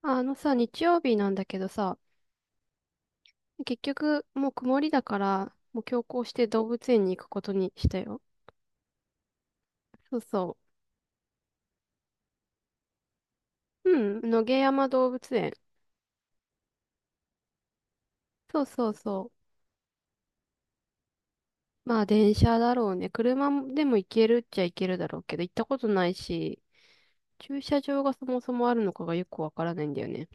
あのさ、日曜日なんだけどさ、結局もう曇りだから、もう強行して動物園に行くことにしたよ。そうそう。うん、野毛山動物園。そうそうそう。まあ電車だろうね。車でも行けるっちゃ行けるだろうけど、行ったことないし、駐車場がそもそもあるのかがよくわからないんだよね。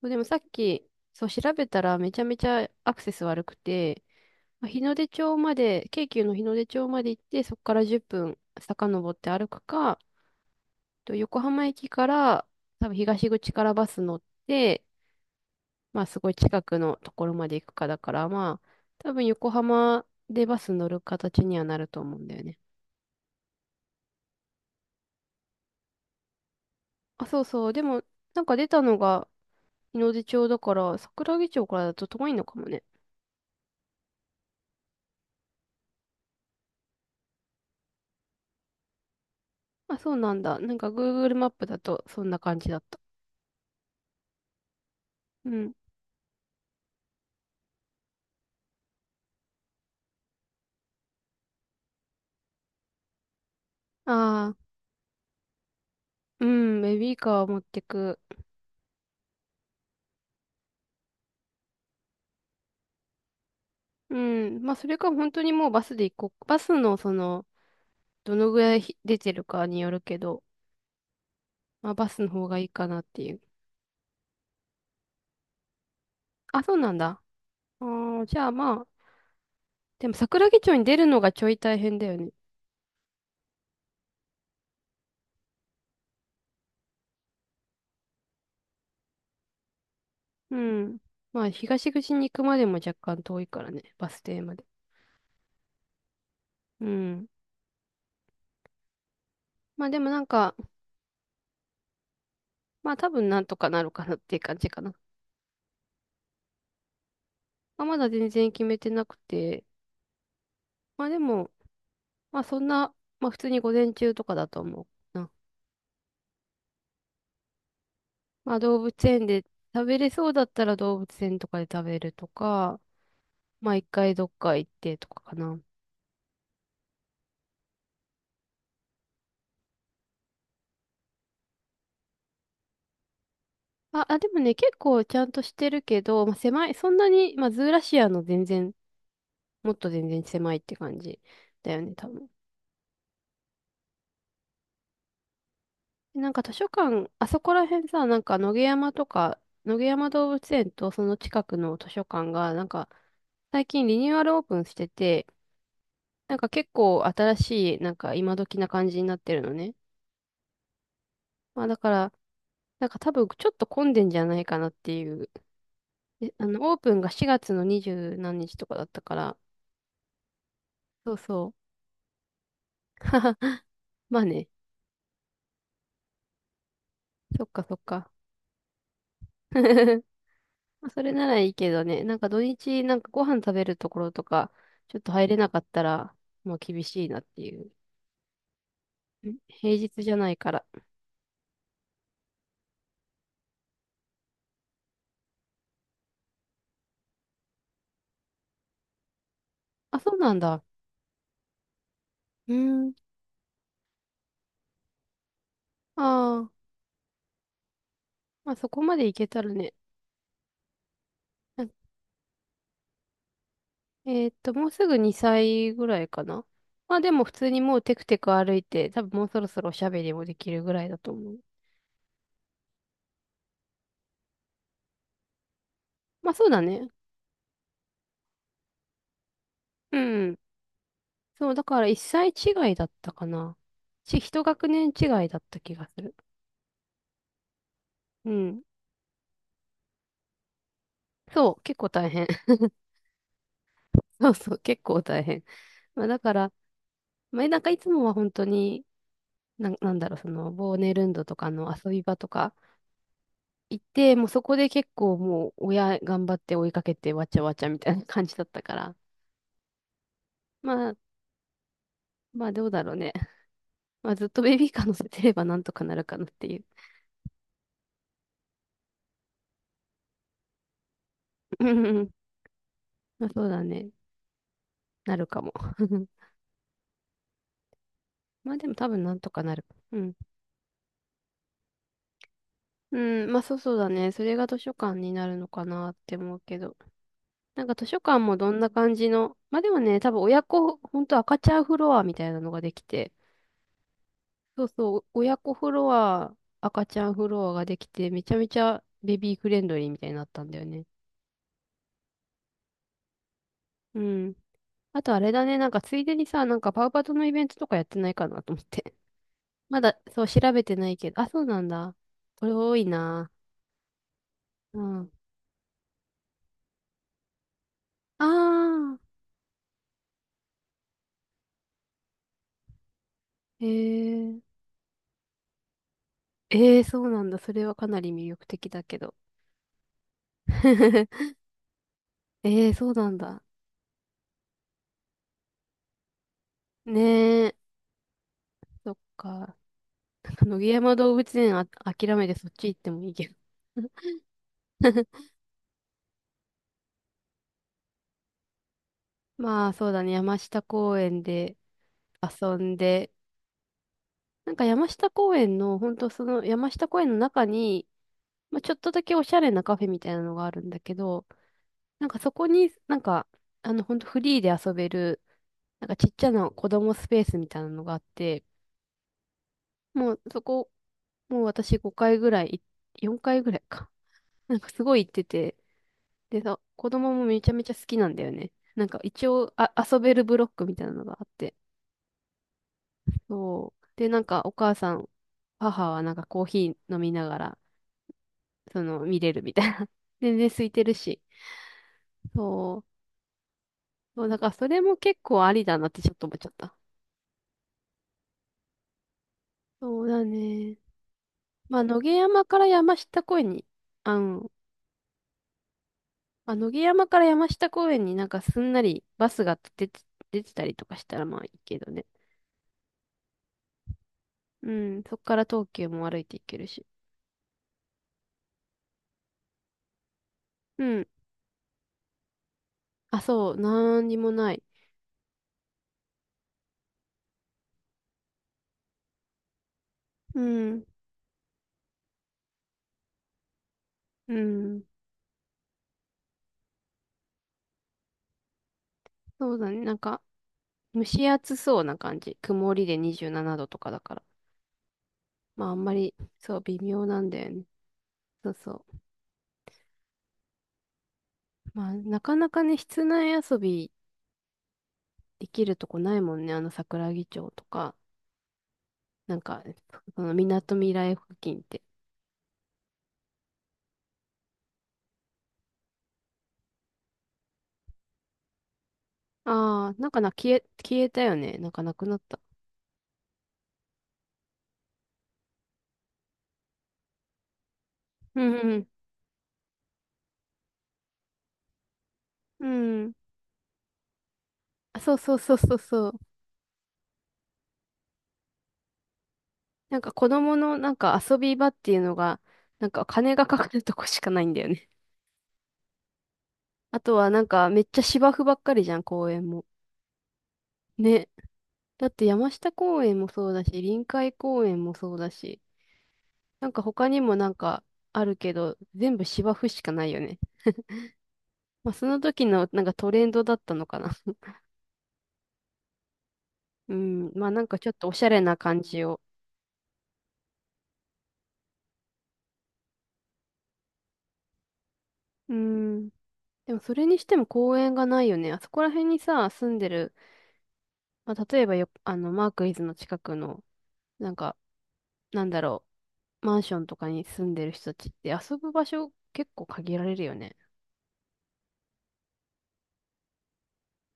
そうでもさっき、そう調べたらめちゃめちゃアクセス悪くて、まあ日の出町まで、京急の日の出町まで行って、そこから10分遡って歩くか、と、横浜駅から、多分東口からバス乗って、まあすごい近くのところまで行くかだから、まあ多分横浜でバス乗る形にはなると思うんだよね。あ、そうそう。でも、なんか出たのが日の出町だから、桜木町からだと遠いのかもね。あ、そうなんだ。なんか Google マップだとそんな感じだった。うん。ああ、うん、ベビーカーを持ってく。うん。まあそれか本当にもうバスで行こう。バスのその、どのぐらいひ出てるかによるけど、まあ、バスの方がいいかなっていう。あ、そうなんだ。あーじゃあまあ、でも桜木町に出るのがちょい大変だよね。うん。まあ、東口に行くまでも若干遠いからね、バス停まで。うん。まあでもなんか、まあ多分なんとかなるかなっていう感じかな。まあ、まだ全然決めてなくて、まあでも、まあそんな、まあ普通に午前中とかだと思うな。まあ動物園で食べれそうだったら動物園とかで食べるとか、まあ一回どっか行ってとかかな。あ、あ、でもね、結構ちゃんとしてるけど、まあ、狭い、そんなに、まあ、ズーラシアの全然、もっと全然狭いって感じだよね、多分。なんか図書館、あそこら辺さ、なんか野毛山とか、野毛山動物園とその近くの図書館が、なんか最近リニューアルオープンしてて、なんか結構新しい、なんか今時な感じになってるのね。まあだから、なんか多分ちょっと混んでんじゃないかなっていう。であの、オープンが4月の2十何日とかだったから、そうそう。まあね。そっかそっか。まあそれならいいけどね、なんか土日なんかご飯食べるところとか、ちょっと入れなかったら、まあ厳しいなっていう。ん平日じゃないから。あ、そうなんだ。うん。ああ、まあそこまでいけたらね。うん。もうすぐ2歳ぐらいかな。まあでも普通にもうテクテク歩いて、多分もうそろそろおしゃべりもできるぐらいだと思う。まあそうだね。うん。そう、だから1歳違いだったかな。一学年違いだった気がする。うん。そう、結構大変。そうそう、結構大変。まあ、だから、まあ、なんかいつもは本当に、なんだろう、その、ボーネルンドとかの遊び場とか行って、もうそこで結構もう親頑張って追いかけてわちゃわちゃみたいな感じだったから、まあ、まあどうだろうね。まあずっとベビーカー乗せてればなんとかなるかなっていう。うんうんうん。まあそうだね。なるかも。まあでも多分なんとかなる。うん。うん、まあそうそうだね。それが図書館になるのかなって思うけど。なんか図書館もどんな感じの、まあでもね、多分親子、ほんと赤ちゃんフロアみたいなのができて、そうそう、親子フロア、赤ちゃんフロアができて、めちゃめちゃベビーフレンドリーみたいになったんだよね。うん。あとあれだね、なんかついでにさ、なんかパウパトのイベントとかやってないかなと思って。まだ、そう、調べてないけど、あ、そうなんだ。これ多いな。うん。あーえー、そうなんだ。それはかなり魅力的だけど。えー、そうなんだ。ね、そっか。野毛山動物園、あ、諦めてそっち行ってもいいけど。まあそうだね、山下公園で遊んで、なんか山下公園の、ほんとその山下公園の中に、まあ、ちょっとだけおしゃれなカフェみたいなのがあるんだけど、なんかそこになんか、あのほんとフリーで遊べる、なんかちっちゃな子供スペースみたいなのがあって、もうそこ、もう私5回ぐらい、よんかい、4回ぐらいか。なんかすごい行ってて、でさ、子供もめちゃめちゃ好きなんだよね。なんか一応あ、遊べるブロックみたいなのがあって。そう。で、なんかお母さん、母はなんかコーヒー飲みながら、その、見れるみたいな。全然空いてるし。そう。そう、だからそれも結構ありだなってちょっと思っちゃった。そうだね。まあ、野毛山から山下公園に、あの、まあ、野毛山から山下公園になんかすんなりバスが出て、出てたりとかしたらまあいいけどね。うん、そっから東急も歩いていけるし。うん。あ、そう、なんにもない。うん、うん。そうだね。なんか、蒸し暑そうな感じ。曇りで27度とかだから。まあ、あんまり、そう、微妙なんだよね。そうそう。まあ、なかなかね、室内遊びできるとこないもんね。あの、桜木町とか、なんか、その、みなとみらい付近って。ああ、なんかな、消えたよね。なんかなくなった。うん、うん、うん。あ、そうそうそうそうそう。なんか子供のなんか遊び場っていうのが、なんか金がかかるとこしかないんだよね。あとはなんかめっちゃ芝生ばっかりじゃん、公園も。ね。だって山下公園もそうだし、臨海公園もそうだし、なんか他にもなんかあるけど、全部芝生しかないよね。まあその時のなんかトレンドだったのかな。うん。まあなんかちょっとおしゃれな感じを。うん。でもそれにしても公園がないよね。あそこら辺にさ、住んでる、まあ例えばよ、あの、マークイズの近くの、なんか、なんだろう、マンションとかに住んでる人たちって遊ぶ場所結構限られるよね。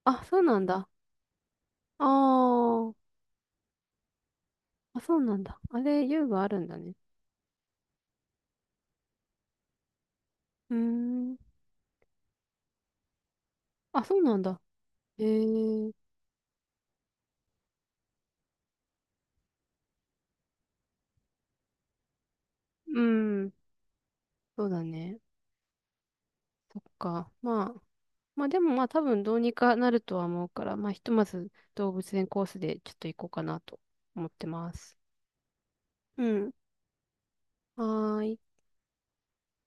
あ、そうなんだ。あー、あ、そうなんだ。あれ、遊具あるんだね。うーん。あ、そうなんだ。えー、うん。そうだね。そっか。まあ、まあでもまあ多分どうにかなるとは思うから、まあひとまず動物園コースでちょっと行こうかなと思ってます。うん。はーい。